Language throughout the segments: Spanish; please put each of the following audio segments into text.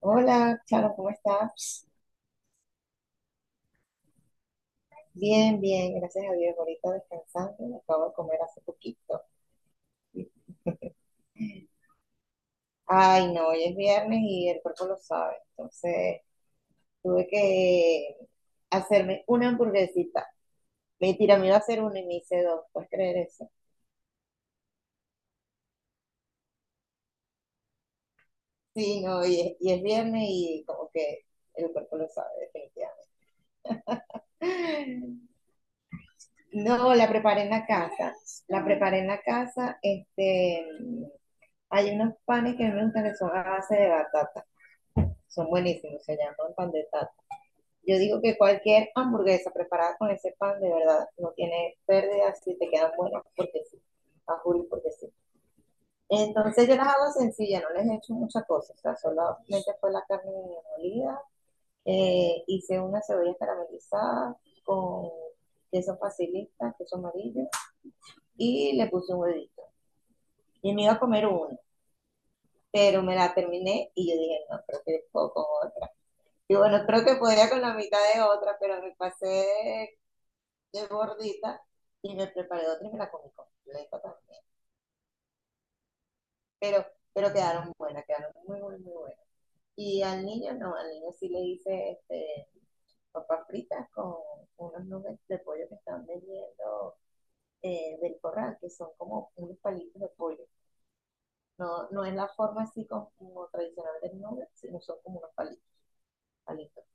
Hola, Charo, ¿cómo estás? Bien, bien, gracias a Dios. Ahorita descansando, acabo de comer hace poquito. Ay, no, hoy es viernes y el cuerpo lo sabe. Entonces, tuve que hacerme una hamburguesita. Mentira, me iba a hacer una y me hice dos. ¿Puedes creer eso? Sí, no, y es viernes y como que el cuerpo lo sabe, definitivamente. No, la preparé en la casa. La preparé en la casa. Hay unos panes que a mí me gustan que son a base de batata. Son buenísimos, se llaman pan de tata. Yo digo que cualquier hamburguesa preparada con ese pan, de verdad, no tiene pérdida si te quedan buenas porque sí. A Juli porque sí. Entonces yo las hago sencillas, no les he hecho muchas cosas. O sea, solamente fue la carne molida. Hice una cebolla caramelizada con queso facilita, queso amarillo. Y le puse un huevito. Y me iba a comer uno, pero me la terminé y yo dije, no, creo que puedo con otra. Y bueno, creo que podía con la mitad de otra, pero me pasé de gordita y me preparé otra y me la comí completa también. Pero, pero quedaron buenas, quedaron muy, muy, muy buenas. Y al niño no, al niño sí le hice papas fritas con unos nubes de pollo que están vendiendo del corral, que son como unos palitos de pollo. No, no es la forma así como tradicional del nube, sino son como unos palitos. Palitos.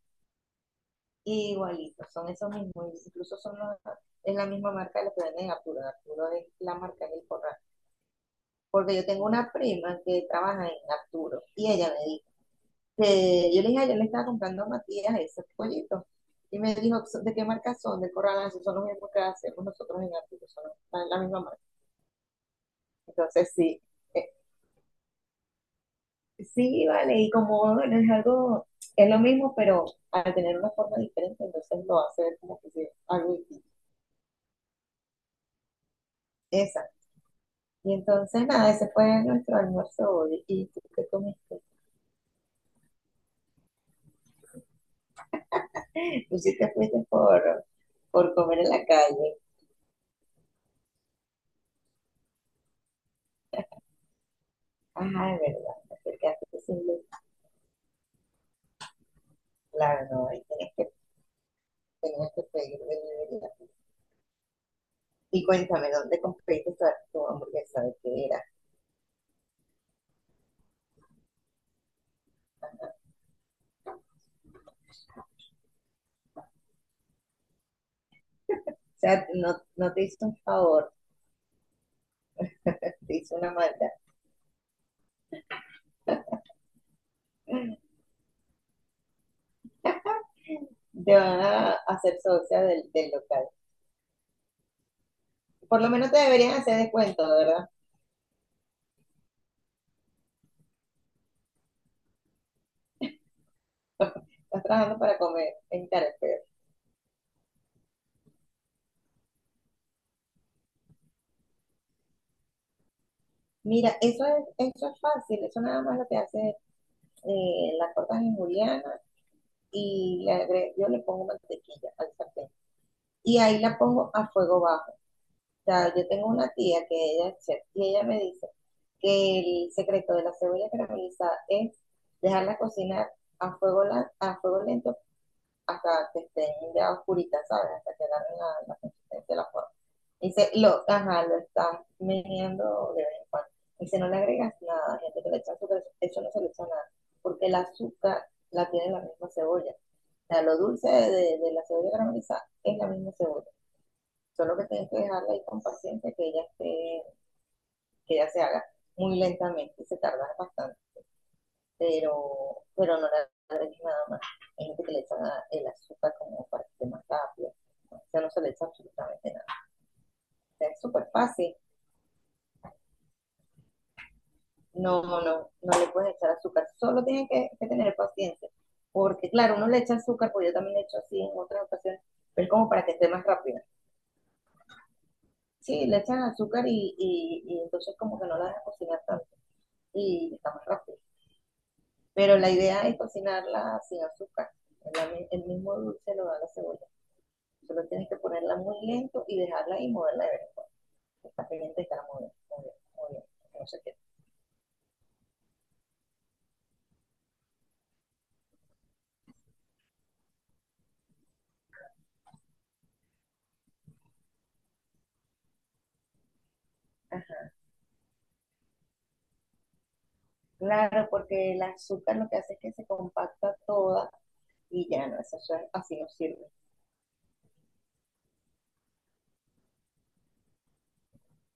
Igualitos, son esos mismos, incluso es la misma marca de los que venden en Arturo. En Arturo es la marca del corral. Porque yo tengo una prima que trabaja en Arturo y ella me dijo que yo le dije: "Ay, yo le estaba comprando a Matías esos pollitos. Y me dijo, ¿de qué marca son? Del corral". Ah, sí, son los mismos que hacemos nosotros en Arturo, son la misma marca. Entonces sí, eh, sí, vale, y como bueno, es algo, es lo mismo, pero al tener una forma diferente, entonces lo hace ver como que es algo distinto. Esa. Y entonces, nada, ese fue nuestro almuerzo hoy. ¿Y tú qué comiste? Tú sí te fuiste por comer en la calle. Ajá, es verdad, te acercaste sin luz. Claro, no, ahí tenías que pedir delivery. Y cuéntame, ¿dónde compraste tu hamburguesa? ¿De qué era? O sea, no, no te hizo un favor, te hizo una maldad. Te van a hacer socia del local. Por lo menos te deberían hacer descuento, ¿verdad? Estás trabajando para comer en Caracas. Mira, eso es fácil, eso nada más lo que hace la cortas en juliana y yo le pongo mantequilla al sartén. Y ahí la pongo a fuego bajo. O sea, yo tengo una tía que ella es chef y ella me dice que el secreto de la cebolla caramelizada es dejarla cocinar a fuego lento hasta que estén ya oscuritas, ¿sabes? Hasta que agarren la consistencia de la forma. Dice, ajá, lo estás meneando de vez en cuando. Dice, no le agregas nada, gente que le echa azúcar, eso no se le echa nada, porque el azúcar la tiene la misma cebolla. O sea, lo dulce de la cebolla caramelizada es la misma cebolla. Solo que tienes que dejarla ahí con paciencia que ella, que ella se haga muy lentamente, se tarda bastante, pero no le leche nada más. Hay gente que le echa el azúcar como para que esté más rápido. O sea, no se le echa absolutamente nada. O sea, es súper fácil. No, no, no le puedes echar azúcar. Solo tienen que tener paciencia. Porque, claro, uno le echa azúcar, porque yo también le echo así en otras ocasiones, pero como para que esté más rápida. Sí, le echan azúcar y entonces como que no la dejan cocinar tanto y está más rápido. Pero la idea es cocinarla sin azúcar. El mismo dulce lo da la cebolla. Solo tienes que ponerla muy lento y dejarla ahí y moverla de vez en cuando. Está pendiente y estará moviendo, moviendo, moviendo. No sé qué. Ajá. Claro, porque el azúcar lo que hace es que se compacta toda y ya no, así no sirve.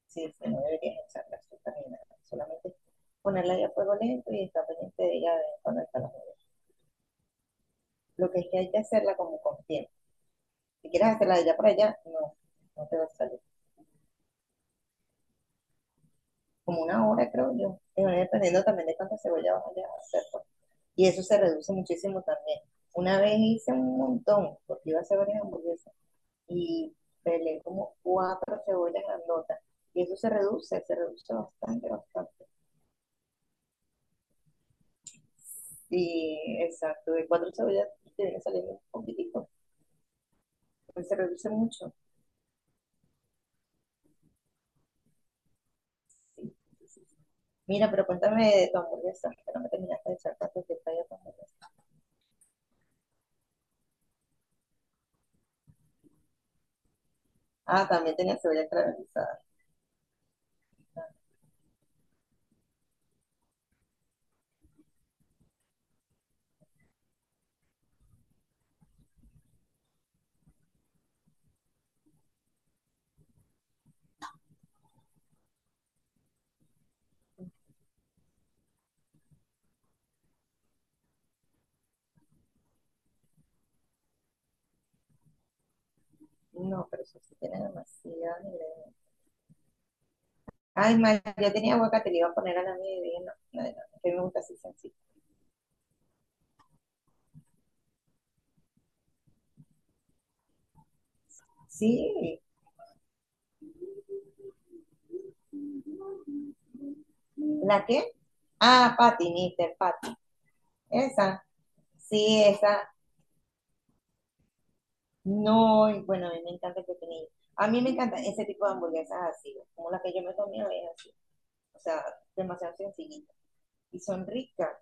Sí, sí, no deberías echar la azúcar ni nada. Solamente ponerla ahí a fuego lento y está pendiente de ella de vez en cuando estarla moviendo. Lo que es que hay que hacerla como con tiempo. Si quieres hacerla de allá para allá, no, no te va a salir. Como una hora, creo yo. Y bueno, dependiendo también de cuánta cebolla vas a hacer, pues. Y eso se reduce muchísimo también. Una vez hice un montón, porque iba a hacer varias hamburguesas, y pelé como cuatro cebollas grandotas. Y eso se reduce bastante, bastante. Y exacto, de cuatro cebollas te viene saliendo un poquitico, pues se reduce mucho. Sí, sí, sí. Mira, pero cuéntame de tu hamburguesa, que no me terminaste de echar tantos detalles de tu hamburguesa. Ah, también tenía cebolla caramelizada. No, pero eso sí tiene demasiadas ingredientes. Ay, mal, ya tenía boca, te le iba a poner a la mía y dije, no, no, no, que me gusta así sencilla. Sí, ¿la qué? Ah, Patty, Mister Patty. Esa, sí, esa. No, bueno, a mí me encanta el pepinillo. A mí me encanta ese tipo de hamburguesas así, como la que yo me comí hoy, es así. O sea, demasiado sencillita. Y son ricas.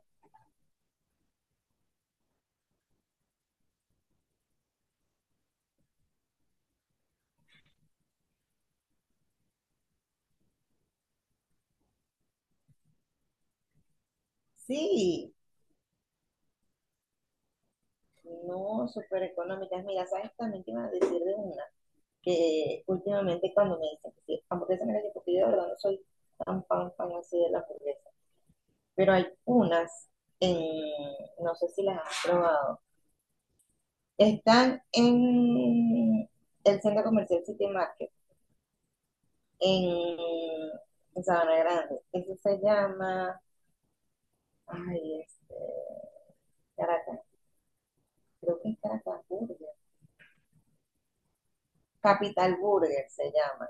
Sí, no, súper económicas. Mira, ¿sabes? También te iba a decir de una, que últimamente cuando me dicen que sí, hamburguesa, mira, yo porque yo de verdad no soy tan fan, fan así de la hamburguesa, pero hay unas, en, no sé si las has probado, están en el centro comercial City Market, en, en Sabana Grande. Eso se llama, ay, Caracas, creo que es Caracas Burger. Capital Burger se llama.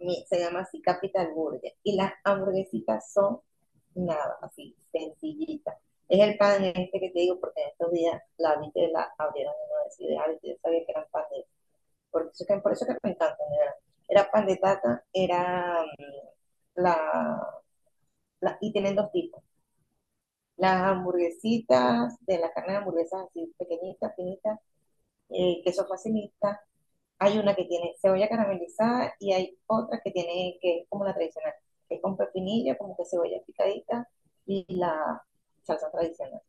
Se llama así Capital Burger. Y las hamburguesitas son nada, así, sencillitas. Es el pan este que te digo, porque en estos días la vi que la abrieron en la universidad y yo sabía que eran pan de por eso que me encanta. Era pan de tata, era la, y tienen dos tipos. Las hamburguesitas, de la carne de hamburguesas así pequeñitas, finitas, queso facilita. Hay una que tiene cebolla caramelizada y hay otra que tiene, que es como la tradicional, que es con pepinillo, como que cebolla picadita y la salsa tradicional.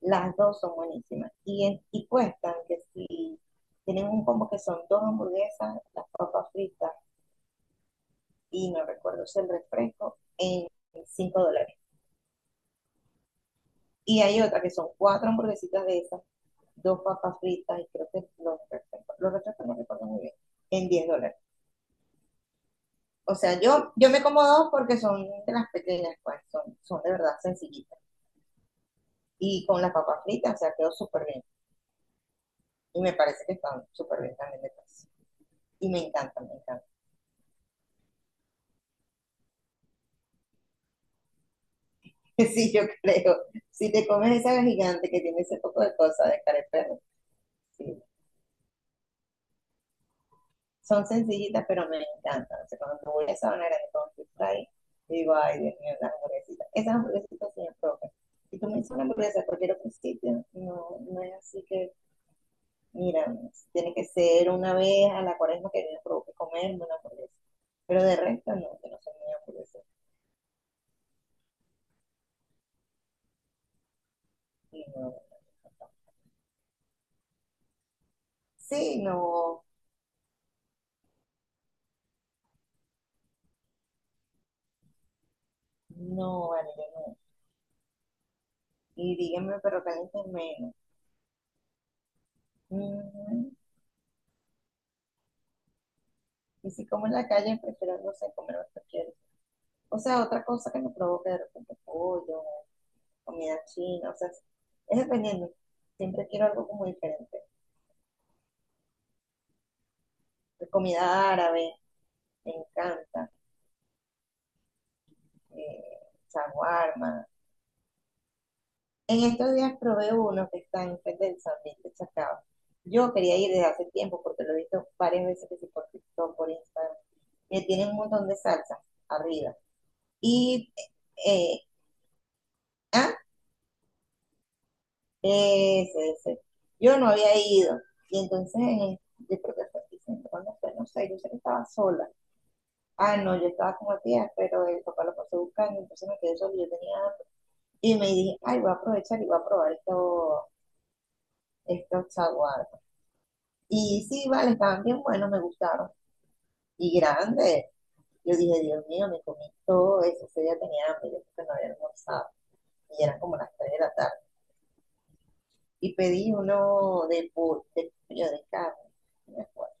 Las dos son buenísimas. Y cuestan que si tienen un combo que son dos hamburguesas, las papas fritas y no recuerdo si el refresco, en $5. Y hay otra que son cuatro hamburguesitas de esas, dos papas fritas y creo que los refrescos, no recuerdo muy bien, en $10. O sea, yo me como dos porque son de las pequeñas, pues, son de verdad sencillitas. Y con las papas fritas, o sea, quedó súper bien. Y me parece que están súper bien también de precio. Y me encanta, me encanta. Sí, yo creo. Si te comes esa gigante que tiene ese poco de cosas de cara de perro, sí, son sencillitas, pero me encantan. O sea, cuando tú voy a Sabana Grande con tu ahí, y digo, ay, Dios mío, las hamburguesitas. Esas hamburguesitas se me propias. Si tú me dices una hamburguesa de cualquier otro sitio, no, no es así que, mira, tiene que ser una vez a la cuaresma que me provoque comerme una hamburguesa. Pero de resto, no, que no soy muy hamburguesa. Y no, sí, no, no, vale, yo no. Y díganme, pero caliente menos. Mm, Y si como en la calle, prefiero, no sé, comer cualquier o sea, otra cosa que me provoque de repente pollo, comida china, o sea, es dependiendo. Siempre quiero algo como diferente. Comida árabe, me encanta. Shawarma. En estos días probé uno que está en frente del San Vicente Chacao. Yo quería ir desde hace tiempo porque lo he visto varias veces que sí por TikTok, por Instagram. Que tiene un montón de salsa arriba. Y, eh, eh, ah, Ese, ese. Yo no había ido. Y entonces, yo creo que fue diciendo, ¿cuándo fue? No sé, yo sé que estaba sola. Ah, no, yo estaba con Matías pero el papá lo pasó buscando, entonces me quedé sola, yo tenía hambre. Y me dije, ay, voy a aprovechar y voy a probar estos chaguarmas. Y sí, vale, estaban bien buenos, me gustaron. Y grandes. Yo dije, Dios mío, me comí todo eso. Ese día tenía hambre, yo creo que no había almorzado. Y eran como las 3 de la tarde. Y pedí uno de pollo, de carne, no me acuerdo.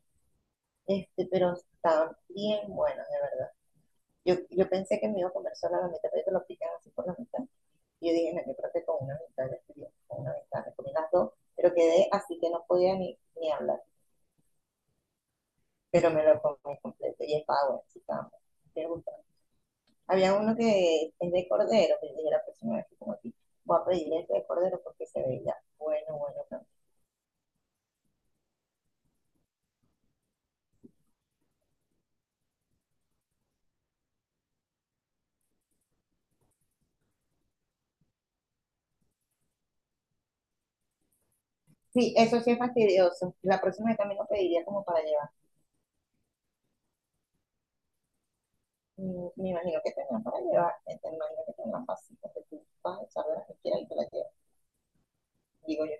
Pero estaban bien buenos, de verdad. Yo pensé que me iba a comer solo la mitad, pero te lo pican así por la mitad. Y yo dije, no, yo creo que con una mitad le estoy bien, con una mitad. Me comí las dos, pero quedé así que no podía ni hablar. Pero me lo comí completo y estaba bueno, sí, estaba bueno. Me gustó. Había uno que es de cordero, que yo dije la próxima vez que como aquí, voy a pedir este de cordero porque se veía bueno, bueno, bueno. Sí, eso sí es fastidioso. La próxima vez también lo pediría como para llevar. Me imagino que tendrán para llevar, me imagino que tendrán pasitas que tú vas a echar de las que quieras y te las llevas, digo yo.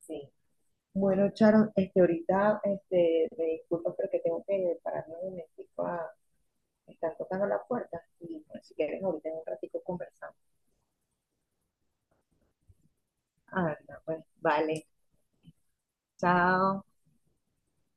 Sí. Bueno, Charon, ahorita, me disculpo, pero que tengo que pararme un momentico a... Están tocando la puerta y pues, si quieres ahorita en un ratico conversamos. Ah, no, pues vale, chao.